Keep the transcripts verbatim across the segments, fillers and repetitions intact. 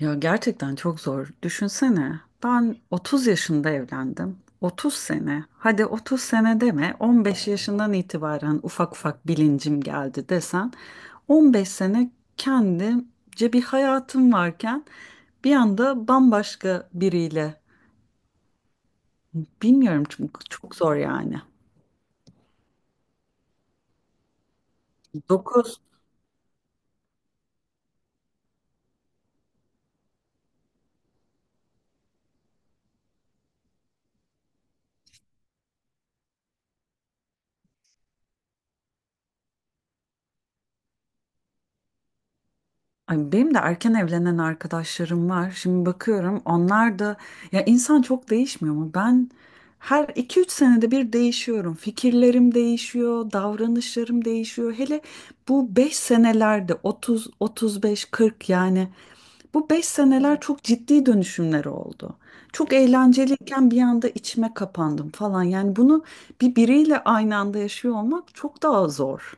Ya gerçekten çok zor. Düşünsene. Ben otuz yaşında evlendim. otuz sene. Hadi otuz sene deme. on beş yaşından itibaren ufak ufak bilincim geldi desen. on beş sene kendimce bir hayatım varken bir anda bambaşka biriyle. Bilmiyorum çok, çok zor yani. Dokuz. Ay benim de erken evlenen arkadaşlarım var. Şimdi bakıyorum onlar da ya insan çok değişmiyor mu? Ben her iki üç senede bir değişiyorum. Fikirlerim değişiyor, davranışlarım değişiyor. Hele bu beş senelerde otuz, otuz beş, kırk yani bu beş seneler çok ciddi dönüşümler oldu. Çok eğlenceliyken bir anda içime kapandım falan. Yani bunu bir biriyle aynı anda yaşıyor olmak çok daha zor.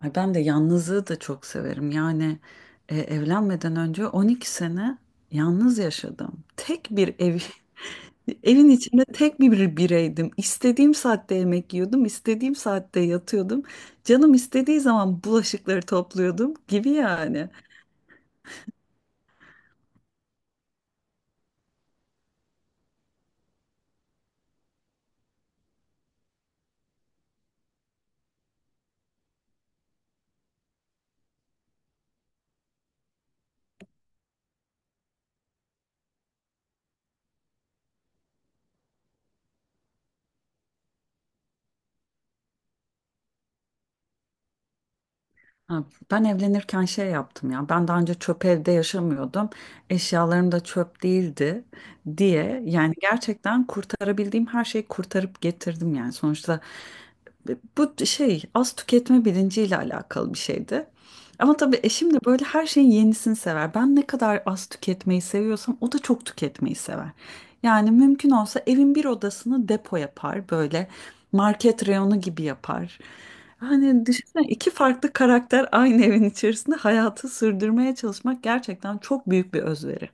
Ay ben de yalnızlığı da çok severim. Yani e, evlenmeden önce on iki sene yalnız yaşadım. Tek bir ev, evin içinde tek bir bireydim. İstediğim saatte yemek yiyordum, istediğim saatte yatıyordum. Canım istediği zaman bulaşıkları topluyordum gibi yani. Ha. Ben evlenirken şey yaptım ya. Ben daha önce çöp evde yaşamıyordum. Eşyalarım da çöp değildi diye yani gerçekten kurtarabildiğim her şeyi kurtarıp getirdim yani. Sonuçta bu şey az tüketme bilinciyle alakalı bir şeydi. Ama tabii eşim de böyle her şeyin yenisini sever. Ben ne kadar az tüketmeyi seviyorsam o da çok tüketmeyi sever. Yani mümkün olsa evin bir odasını depo yapar böyle market reyonu gibi yapar. Hani düşünsene iki farklı karakter aynı evin içerisinde hayatı sürdürmeye çalışmak gerçekten çok büyük bir özveri.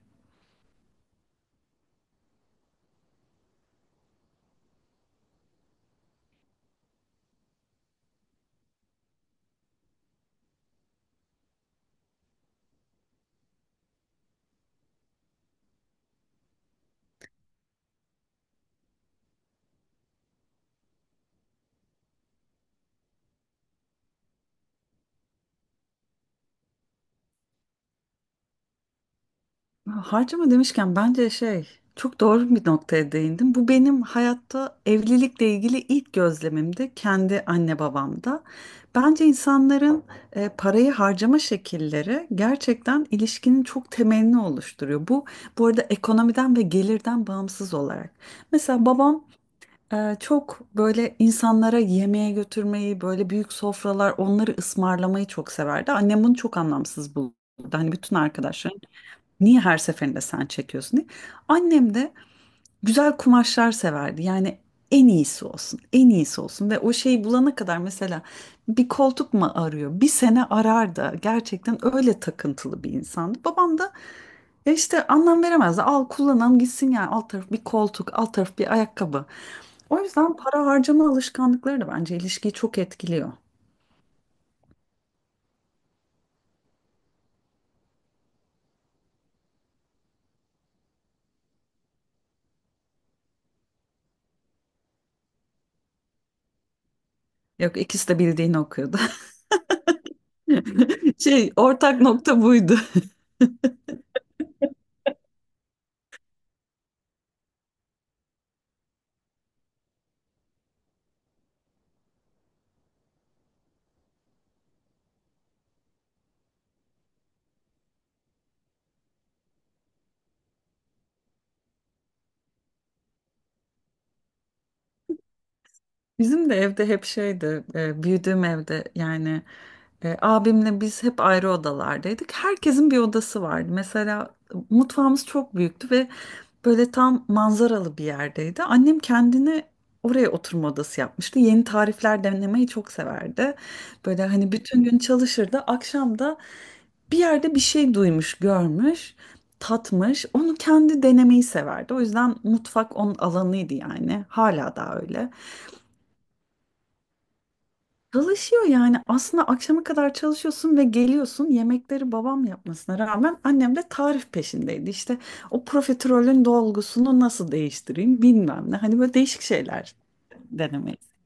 Harcama demişken bence şey çok doğru bir noktaya değindim. Bu benim hayatta evlilikle ilgili ilk gözlemimdi kendi anne babamda. Bence insanların e, parayı harcama şekilleri gerçekten ilişkinin çok temelini oluşturuyor. Bu bu arada ekonomiden ve gelirden bağımsız olarak. Mesela babam e, çok böyle insanlara yemeğe götürmeyi, böyle büyük sofralar onları ısmarlamayı çok severdi. Annem bunu çok anlamsız buldu. Hani bütün arkadaşlarım niye her seferinde sen çekiyorsun diye. Annem de güzel kumaşlar severdi. Yani en iyisi olsun, en iyisi olsun ve o şeyi bulana kadar mesela bir koltuk mu arıyor? Bir sene arar da gerçekten öyle takıntılı bir insandı. Babam da e işte anlam veremezdi. Al kullanalım gitsin yani alt taraf bir koltuk, alt taraf bir ayakkabı. O yüzden para harcama alışkanlıkları da bence ilişkiyi çok etkiliyor. Yok ikisi de bildiğini okuyordu. Şey ortak nokta buydu. Bizim de evde hep şeydi, e, büyüdüğüm evde yani e, abimle biz hep ayrı odalardaydık. Herkesin bir odası vardı. Mesela mutfağımız çok büyüktü ve böyle tam manzaralı bir yerdeydi. Annem kendine oraya oturma odası yapmıştı. Yeni tarifler denemeyi çok severdi. Böyle hani bütün gün çalışırdı. Akşam da bir yerde bir şey duymuş, görmüş, tatmış. Onu kendi denemeyi severdi. O yüzden mutfak onun alanıydı yani. Hala da öyle. Çalışıyor yani aslında akşama kadar çalışıyorsun ve geliyorsun yemekleri babam yapmasına rağmen annem de tarif peşindeydi. İşte o profiterolün dolgusunu nasıl değiştireyim bilmem ne hani böyle değişik şeyler denemeyiz.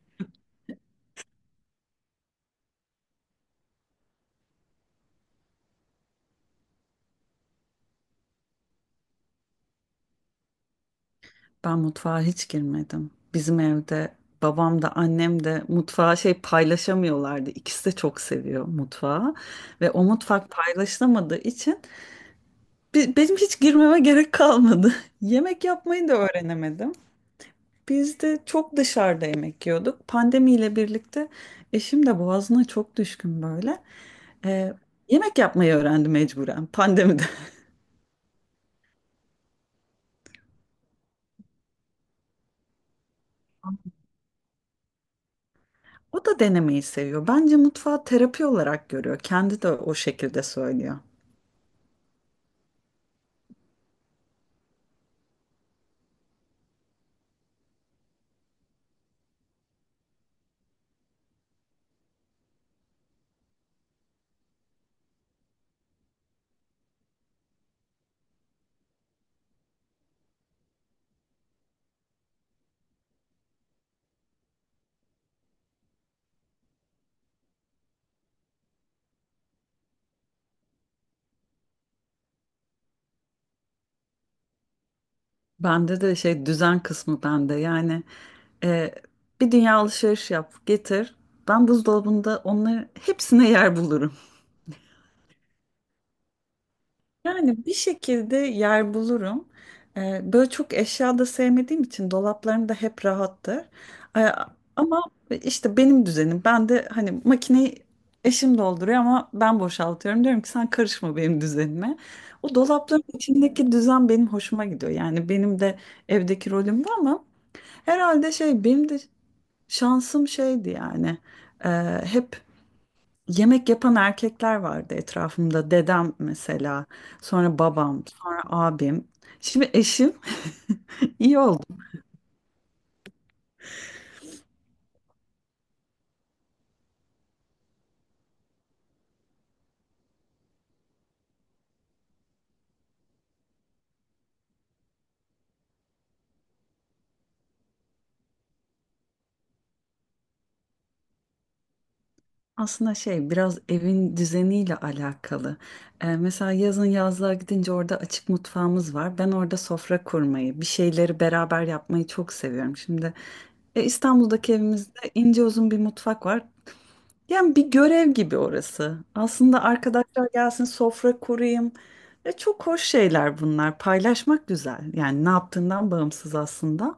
Ben mutfağa hiç girmedim. Bizim evde babam da annem de mutfağı şey paylaşamıyorlardı. İkisi de çok seviyor mutfağı ve o mutfak paylaşılamadığı için bi- benim hiç girmeme gerek kalmadı. Yemek yapmayı da öğrenemedim. Biz de çok dışarıda yemek yiyorduk. Pandemiyle birlikte eşim de boğazına çok düşkün böyle. Ee, yemek yapmayı öğrendi mecburen pandemide. O da denemeyi seviyor. Bence mutfağı terapi olarak görüyor. Kendi de o şekilde söylüyor. Bende de şey düzen kısmı bende. Yani e, bir dünya alışveriş yap, getir. Ben buzdolabında onları hepsine yer bulurum. Yani bir şekilde yer bulurum. Ee, böyle çok eşya da sevmediğim için dolaplarım da hep rahattır. Ee, ama işte benim düzenim. Ben de hani makineyi eşim dolduruyor ama ben boşaltıyorum. Diyorum ki sen karışma benim düzenime. O dolapların içindeki düzen benim hoşuma gidiyor. Yani benim de evdeki rolüm bu ama herhalde şey benim de şansım şeydi yani. Ee, hep Yemek yapan erkekler vardı etrafımda. Dedem mesela, sonra babam, sonra abim. Şimdi eşim iyi oldu. Aslında şey biraz evin düzeniyle alakalı. Ee, mesela yazın yazlığa gidince orada açık mutfağımız var. Ben orada sofra kurmayı, bir şeyleri beraber yapmayı çok seviyorum. Şimdi e, İstanbul'daki evimizde ince uzun bir mutfak var. Yani bir görev gibi orası. Aslında arkadaşlar gelsin sofra kurayım. Ve çok hoş şeyler bunlar. Paylaşmak güzel. Yani ne yaptığından bağımsız aslında.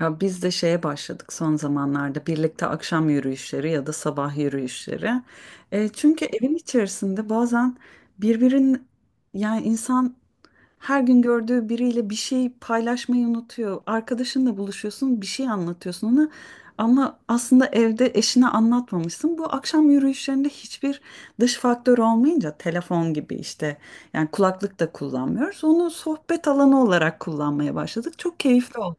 Ya biz de şeye başladık son zamanlarda birlikte akşam yürüyüşleri ya da sabah yürüyüşleri. E, çünkü evin içerisinde bazen birbirin yani insan her gün gördüğü biriyle bir şey paylaşmayı unutuyor. Arkadaşınla buluşuyorsun, bir şey anlatıyorsun ona ama aslında evde eşine anlatmamışsın. Bu akşam yürüyüşlerinde hiçbir dış faktör olmayınca telefon gibi işte yani kulaklık da kullanmıyoruz. Onu sohbet alanı olarak kullanmaya başladık. Çok keyifli oldu.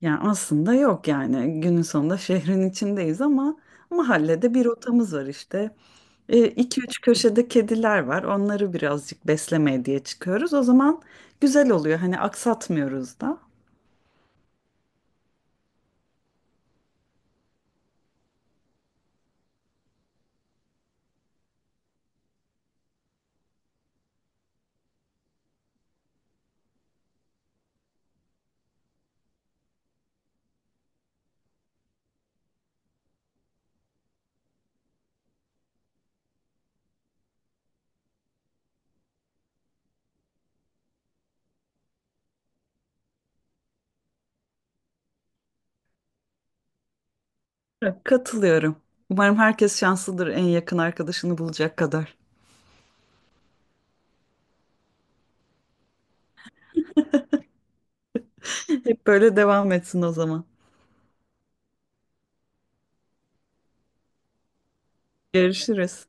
Yani aslında yok yani günün sonunda şehrin içindeyiz ama mahallede bir rotamız var işte. E, iki üç köşede kediler var onları birazcık beslemeye diye çıkıyoruz. O zaman güzel oluyor hani aksatmıyoruz da. Evet. Katılıyorum. Umarım herkes şanslıdır en yakın arkadaşını bulacak kadar. Hep böyle devam etsin o zaman. Görüşürüz.